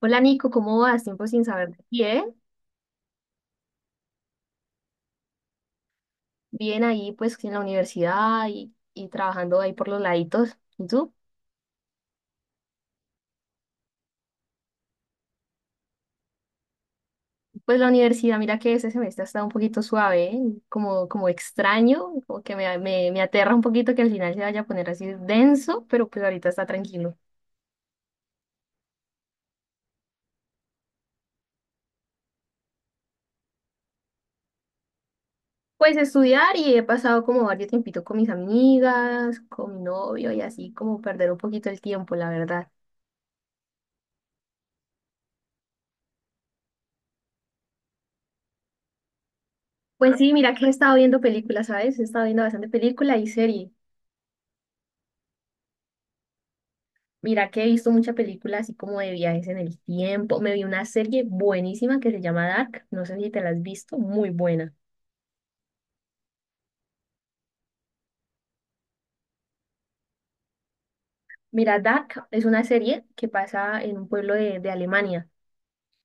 Hola Nico, ¿cómo vas? Tiempo sin saber de ti, ¿eh? Bien ahí pues en la universidad y trabajando ahí por los laditos. ¿Y tú? Pues la universidad, mira que ese semestre ha estado un poquito suave, ¿eh? Como, como extraño, como que me aterra un poquito que al final se vaya a poner así denso, pero pues ahorita está tranquilo. Pues estudiar y he pasado como varios tiempito con mis amigas, con mi novio y así como perder un poquito el tiempo, la verdad. Pues sí, mira que he estado viendo películas, ¿sabes? He estado viendo bastante película y serie. Mira que he visto muchas películas así como de viajes en el tiempo. Me vi una serie buenísima que se llama Dark. No sé si te la has visto, muy buena. Mira, Dark es una serie que pasa en un pueblo de Alemania.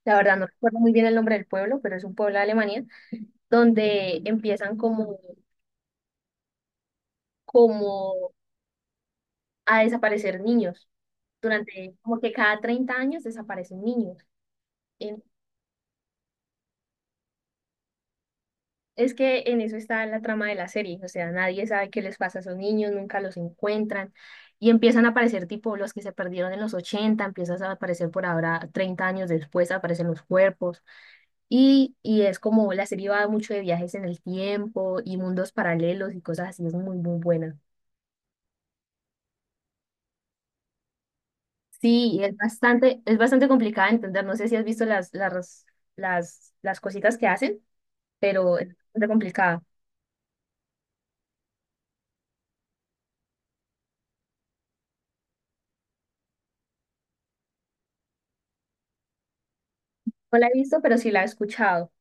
La verdad no recuerdo muy bien el nombre del pueblo, pero es un pueblo de Alemania donde empiezan como, como a desaparecer niños. Durante como que cada 30 años desaparecen niños. En Es que en eso está la trama de la serie, o sea, nadie sabe qué les pasa a esos niños, nunca los encuentran y empiezan a aparecer tipo los que se perdieron en los 80, empiezan a aparecer por ahora 30 años después, aparecen los cuerpos y es como la serie va mucho de viajes en el tiempo y mundos paralelos y cosas así, es muy, muy buena. Sí, es bastante complicada de entender, no sé si has visto las, las cositas que hacen, pero es bastante complicada. No la he visto, pero sí la he escuchado.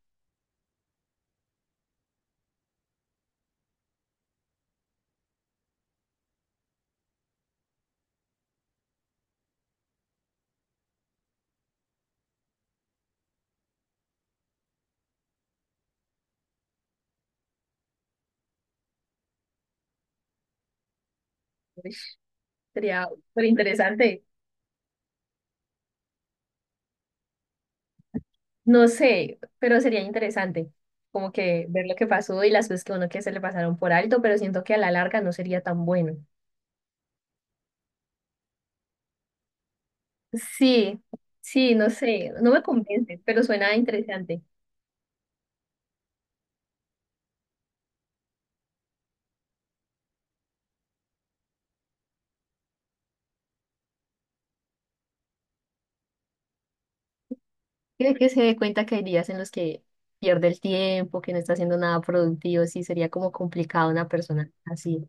Sería súper interesante. No sé, pero sería interesante como que ver lo que pasó y las cosas que uno que se le pasaron por alto, pero siento que a la larga no sería tan bueno. Sí, sí, no sé, no me convence, pero suena interesante. Creo que se dé cuenta que hay días en los que pierde el tiempo, que no está haciendo nada productivo, sí, sería como complicado una persona así.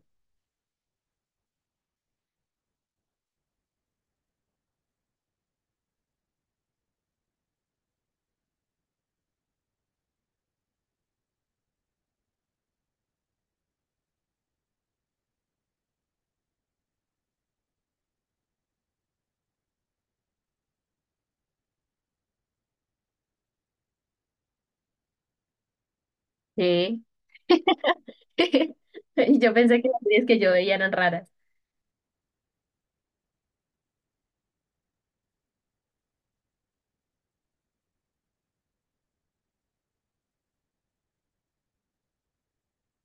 Sí. Y yo pensé que las series que yo veía eran raras.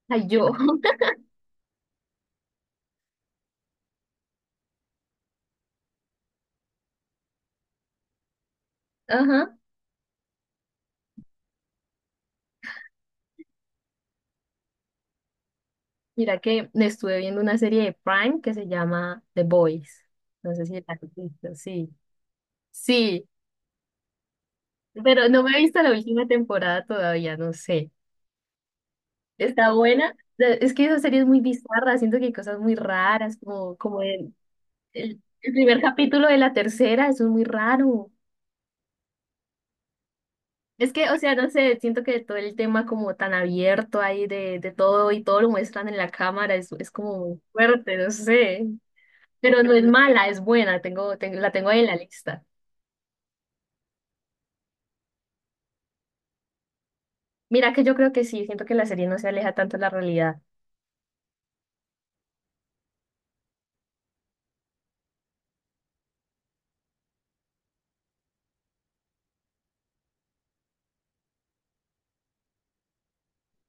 Ay, yo. Ajá. Mira que estuve viendo una serie de Prime que se llama The Boys. No sé si la has visto, sí. Sí, pero no me he visto la última temporada todavía, no sé. Está buena. Es que esa serie es muy bizarra, siento que hay cosas muy raras, como, como el, el primer capítulo de la tercera, eso es muy raro. Es que, o sea, no sé, siento que todo el tema como tan abierto ahí de todo y todo lo muestran en la cámara, es como muy fuerte, no sé. Pero no es mala, es buena, tengo, la tengo ahí en la lista. Mira que yo creo que sí, siento que la serie no se aleja tanto de la realidad.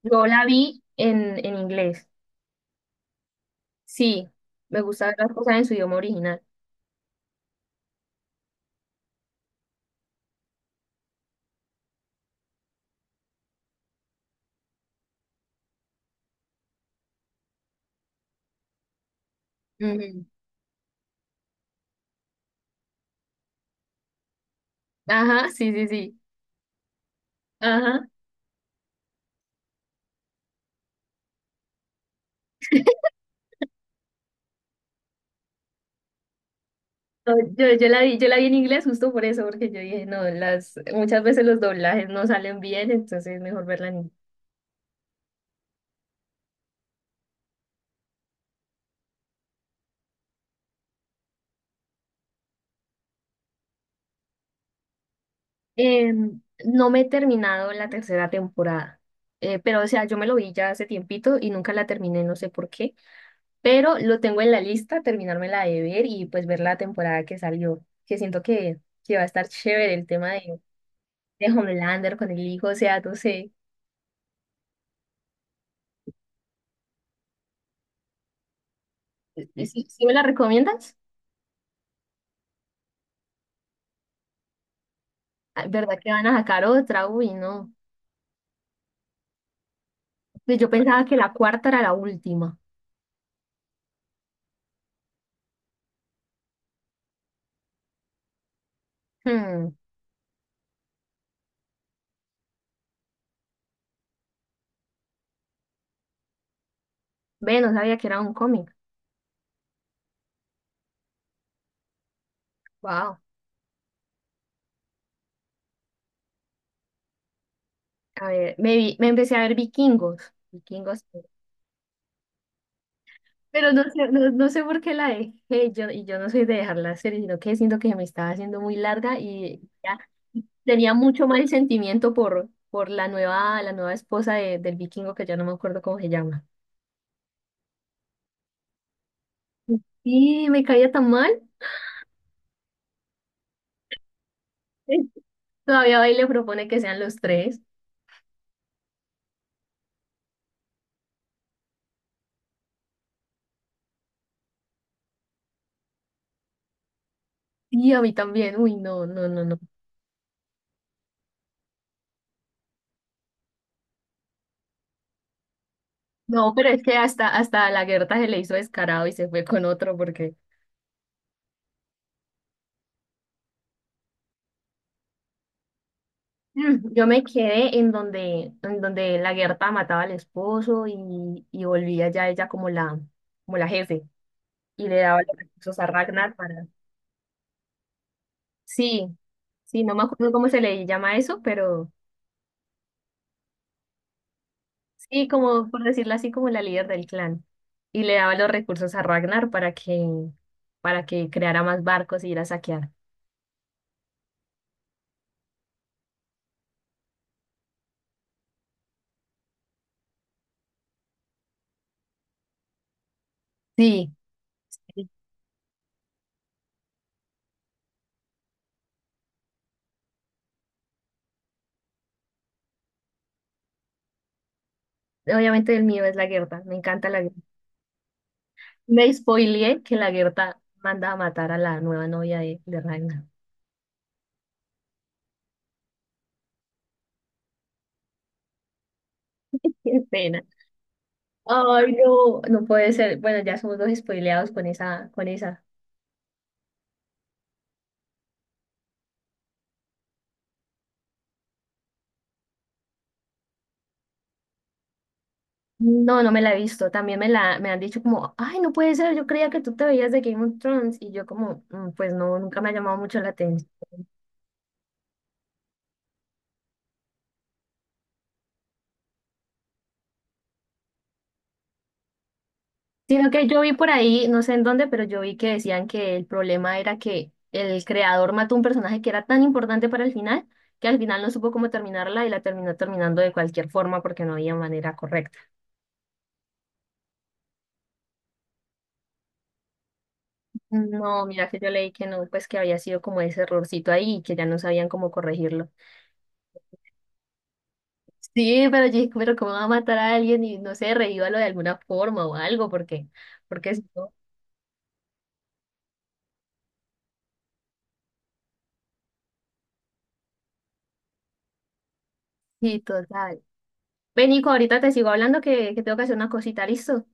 Yo la vi en inglés. Sí, me gusta ver las cosas en su idioma original. Ujú. Ajá, sí, sí, sí. Ajá. No, yo la vi, yo la vi en inglés justo por eso, porque yo dije, no, las, muchas veces los doblajes no salen bien, entonces es mejor verla en inglés. No me he terminado la tercera temporada, pero o sea, yo me lo vi ya hace tiempito y nunca la terminé, no sé por qué. Pero lo tengo en la lista, terminármela de ver y pues ver la temporada que salió, que siento que va a estar chévere el tema de Homelander con el hijo, o sea, no sé. ¿Y si, si me la recomiendas? Ay, ¿verdad que van a sacar otra? Uy, no. Pues yo pensaba que la cuarta era la última. Hmm. Ve, no sabía que era un cómic. Wow. A ver, me empecé a ver Vikingos. Vikingos. Pero no sé, no, no sé por qué la dejé yo, y yo no soy de dejar la serie, sino que siento que me estaba haciendo muy larga y ya tenía mucho mal sentimiento por la nueva esposa del vikingo que ya no me acuerdo cómo se llama. Y me caía tan mal. Todavía va y le propone que sean los tres. Y a mí también. Uy, no, no, no, no. No, pero es que hasta, hasta a la Gerta se le hizo descarado y se fue con otro porque Mm, yo me quedé en donde la Gerta mataba al esposo y volvía ya ella como la jefe y le daba los recursos a Ragnar para... Sí, sí, no me acuerdo cómo se le llama eso, pero sí, como por decirlo así, como la líder del clan. Y le daba los recursos a Ragnar para que creara más barcos y ir a saquear. Sí, obviamente el mío es la Gerta, me encanta la Gerta. Me spoileé que la Gerta manda a matar a la nueva novia de Ragnar. Qué pena. Ay, no, no puede ser. Bueno, ya somos dos spoileados con esa, con esa. No, no me la he visto. También me la, me han dicho como, ay, no puede ser, yo creía que tú te veías de Game of Thrones. Y yo como, "Mm, pues no, nunca me ha llamado mucho la atención". Sino que yo vi por ahí, no sé en dónde, pero yo vi que decían que el problema era que el creador mató un personaje que era tan importante para el final, que al final no supo cómo terminarla y la terminó terminando de cualquier forma porque no había manera correcta. No, mira que yo leí que no, pues que había sido como ese errorcito ahí y que ya no sabían cómo corregirlo. Sí, pero yo dije, pero ¿cómo va a matar a alguien? Y no sé, reívalo de alguna forma o algo, porque, porque si no, sí, total. Ven, Nico, ahorita te sigo hablando que tengo que hacer una cosita, ¿listo?